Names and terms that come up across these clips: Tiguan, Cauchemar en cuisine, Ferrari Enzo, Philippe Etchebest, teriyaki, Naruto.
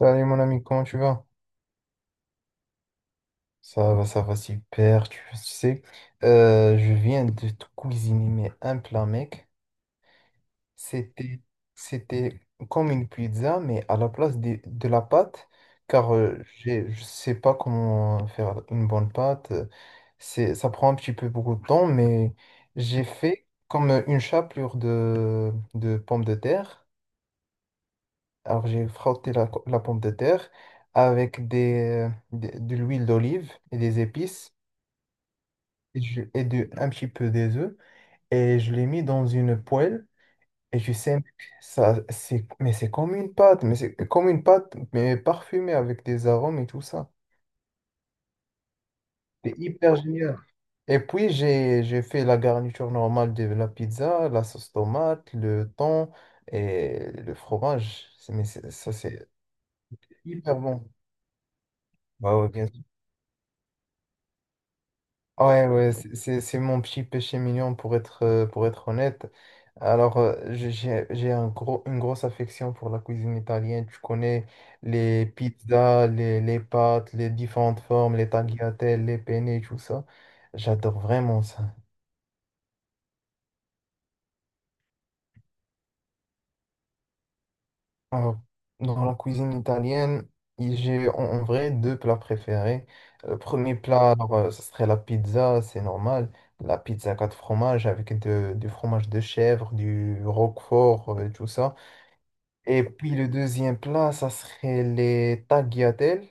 Salut mon ami, comment tu vas? Ça va super, tu sais. Je viens de te cuisiner mais un plat, mec. C'était, c'était comme une pizza, mais à la place de la pâte, car je sais pas comment faire une bonne pâte. C'est, ça prend un petit peu beaucoup de temps, mais j'ai fait comme une chapelure de pommes de terre. Alors, j'ai frotté la pomme de terre avec de l'huile d'olive et des épices et, et de, un petit peu des œufs. Et je l'ai mis dans une poêle. Et tu sais, mec, ça, c'est, mais c'est comme une pâte, mais c'est comme une pâte, mais parfumée avec des arômes et tout ça. C'est hyper génial. Et puis, j'ai fait la garniture normale de la pizza, la sauce tomate, le thon et le fromage. Ça, c'est hyper bon. Bah ouais, bien. Ouais, ouais, c'est mon petit péché mignon pour être honnête. Alors, j'ai un gros, une grosse affection pour la cuisine italienne. Tu connais les pizzas, les pâtes, les différentes formes, les tagliatelles, les penne, tout ça. J'adore vraiment ça. Euh, Dans la cuisine italienne, j'ai en vrai deux plats préférés. Le premier plat, alors, ce serait la pizza, c'est normal. La pizza quatre fromages avec du fromage de chèvre, du roquefort, tout ça. Et puis le deuxième plat, ça serait les tagliatelles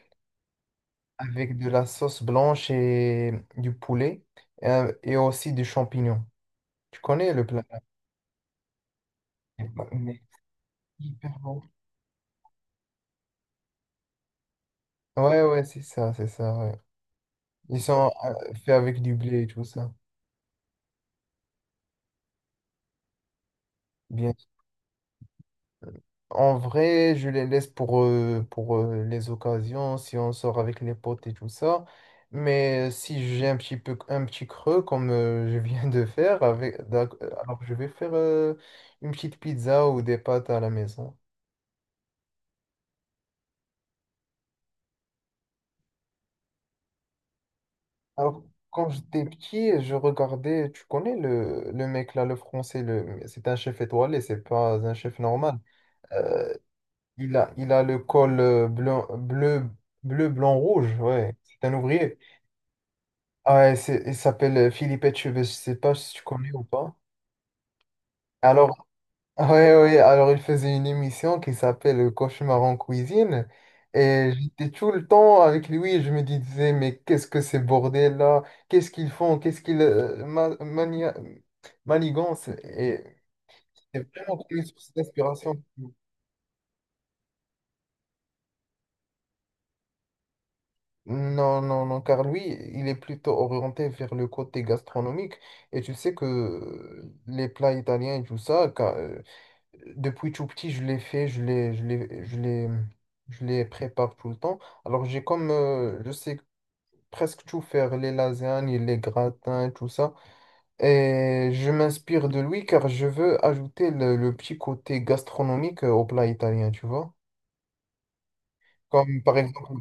avec de la sauce blanche et du poulet et aussi du champignon. Tu connais le plat? Mais hyper bon. Ouais, ouais, c'est ça, c'est ça, ouais. Ils sont faits avec du blé et tout ça. Bien, en vrai, je les laisse pour, les occasions, si on sort avec les potes et tout ça. Mais si j'ai un petit peu un petit creux comme je viens de faire avec alors je vais faire une petite pizza ou des pâtes à la maison. Alors quand j'étais petit, je regardais, tu connais le mec là, le français, le c'est un chef étoilé, c'est pas un chef normal. Euh, il a le col bleu bleu blanc rouge, ouais, c'est un ouvrier. Ouais, il s'appelle Philippe Etchebest, je sais pas si tu connais ou pas. Alors, ouais, ouais, alors il faisait une émission qui s'appelle Cauchemar en cuisine. Et j'étais tout le temps avec lui, et je me disais, mais qu'est-ce que ces bordels là? Qu'est-ce qu'ils font? Qu'est-ce qu'ils manigancent? Et c'est vraiment connu sur cette inspiration. Non, non, non, car lui, il est plutôt orienté vers le côté gastronomique. Et tu sais que les plats italiens et tout ça, depuis tout petit, je l'ai fait, je les prépare tout le temps. Alors, j'ai comme, je sais presque tout faire, les lasagnes, les gratins, tout ça. Et je m'inspire de lui car je veux ajouter le petit côté gastronomique au plat italien, tu vois. Comme par exemple,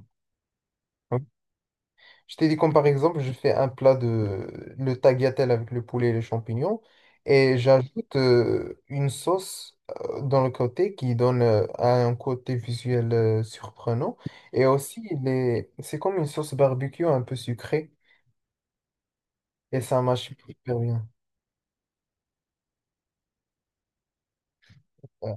je t'ai dit comme par exemple, je fais un plat de le tagliatelle avec le poulet et les champignons et j'ajoute une sauce dans le côté qui donne un côté visuel surprenant et aussi les... c'est comme une sauce barbecue un peu sucrée et ça marche super bien. Ouais.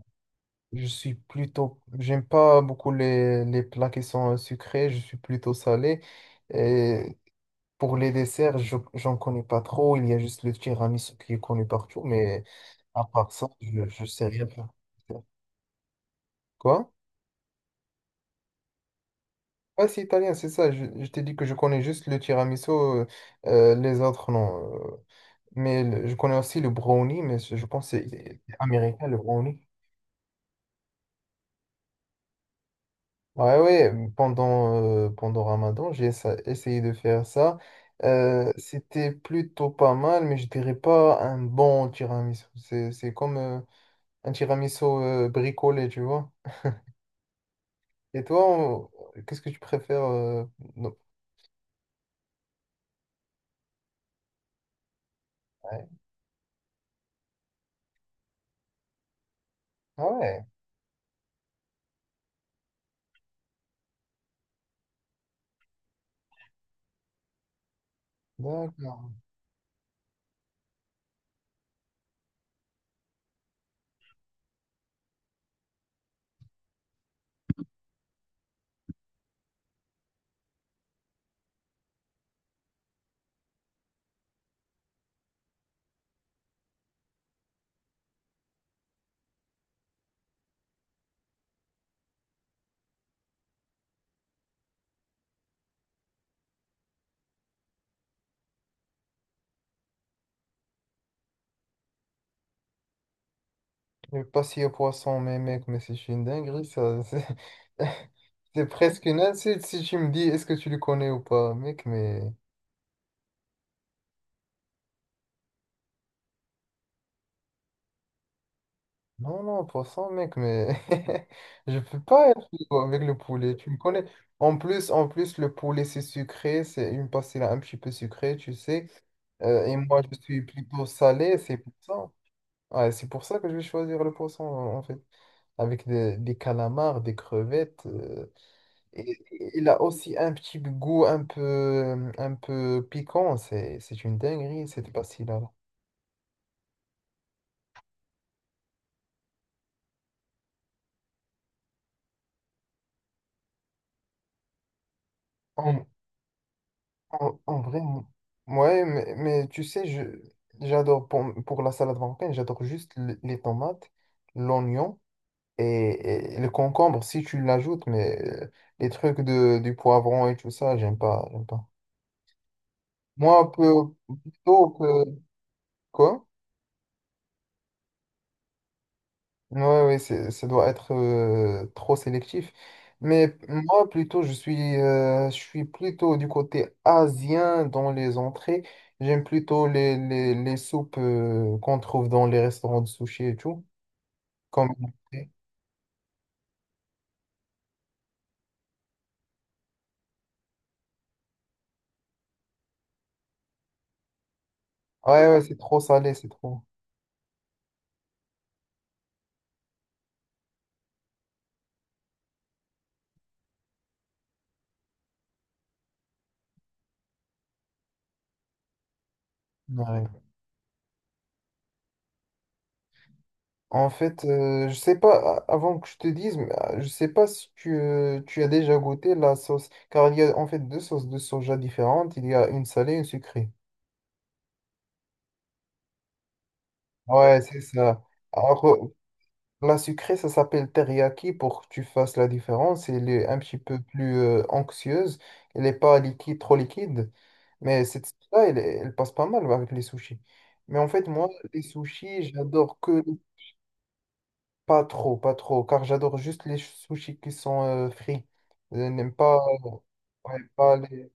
Je suis plutôt, j'aime pas beaucoup les plats qui sont sucrés, je suis plutôt salé. Et pour les desserts, je, j'en connais pas trop. Il y a juste le tiramisu qui est connu partout, mais à part ça, je sais rien faire. Quoi? Ah, c'est italien, c'est ça. Je t'ai dit que je connais juste le tiramisu, les autres, non. Mais je connais aussi le brownie, mais je pense que c'est américain, le brownie. Ouais, ouais, pendant, pendant Ramadan, essayé de faire ça. C'était plutôt pas mal, mais je dirais pas un bon tiramisu. C'est comme. Un tiramisu bricolé, tu vois. Et toi, qu'est-ce que tu préfères non. Ouais. Ah ouais, d'accord. Le pastis au poisson, mais mec, mais c'est une dinguerie, ça. C'est c'est presque une insulte si tu me dis est-ce que tu le connais ou pas, mec, mais... Non, non, poisson, mec, mais... Je peux pas être frigo avec le poulet, tu me connais. En plus, le poulet, c'est sucré, c'est une pastilla un petit peu sucrée, tu sais. Et moi, je suis plutôt salé, c'est pour ça. Ouais, c'est pour ça que je vais choisir le poisson, en fait. Avec des calamars, des crevettes. Et il a aussi un petit goût un peu piquant. C'est une dinguerie, cette pastille-là. En, en vrai, ouais, mais tu sais, je, j'adore pour la salade marocaine, j'adore juste les tomates, l'oignon et le concombre si tu l'ajoutes, mais les trucs de, du poivron et tout ça, j'aime pas, j'aime pas. Moi, un peu plutôt que quoi? Ouais, ouais, ça doit être trop sélectif. Mais moi, plutôt, je suis plutôt du côté asien dans les entrées. J'aime plutôt les soupes qu'on trouve dans les restaurants de sushi et tout. Comme... Ouais, ouais, c'est trop salé, c'est trop. Ouais. En fait, je sais pas, avant que je te dise, mais, je sais pas si tu, tu as déjà goûté la sauce, car il y a en fait deux sauces de soja différentes. Il y a une salée et une sucrée. Ouais, c'est ça. Alors, la sucrée, ça s'appelle teriyaki pour que tu fasses la différence. Elle est un petit peu plus anxieuse. Elle n'est pas liquide, trop liquide. Mais cette sauce-là, elle, elle passe pas mal avec les sushis. Mais en fait, moi, les sushis, j'adore que pas trop, pas trop, car j'adore juste les sushis qui sont frits. Je n'aime pas, ouais, pas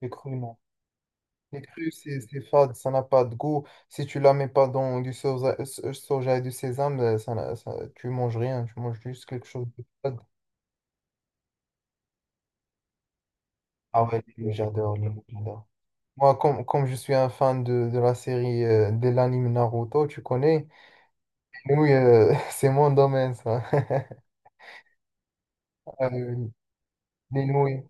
les crus, non. Les cru, c'est fade, ça n'a pas de goût. Si tu la mets pas dans du soja, soja et du sésame, ça, n'a- ça- tu manges rien, tu manges juste quelque chose de fade. Ah ouais, j'adore, j'adore. Moi, comme je suis un fan de la série, de l'anime Naruto, tu connais, les nouilles, c'est mon domaine, ça. Euh, les nouilles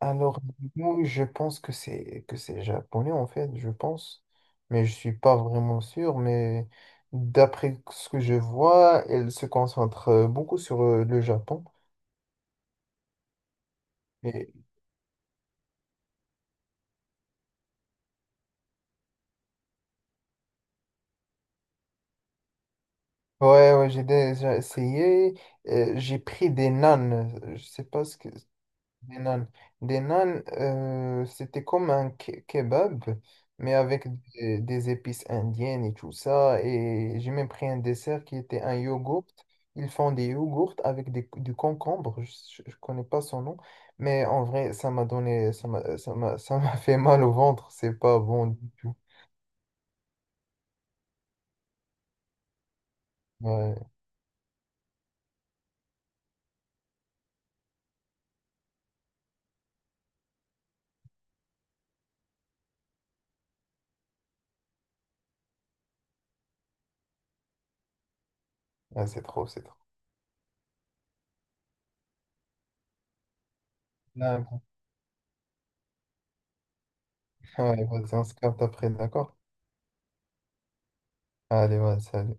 Alors, du coup, je pense que c'est japonais en fait, je pense, mais je suis pas vraiment sûr. Mais d'après ce que je vois, elle se concentre beaucoup sur le Japon. Et, ouais, ouais, j'ai déjà essayé. J'ai pris des nanes. Je sais pas ce que. Des nanes. Des nanes, c'était comme un kebab, mais avec des épices indiennes et tout ça. Et j'ai même pris un dessert qui était un yogourt. Ils font des yogourts avec du concombre. Je ne connais pas son nom. Mais en vrai, ça m'a donné, ça m'a, ça m'a, ça m'a fait mal au ventre. C'est pas bon du tout. Ouais, ouais, c'est trop, c'est trop. Ouais, ouais, vas-y, on se capte après, d'accord? Allez, vas-y, salut.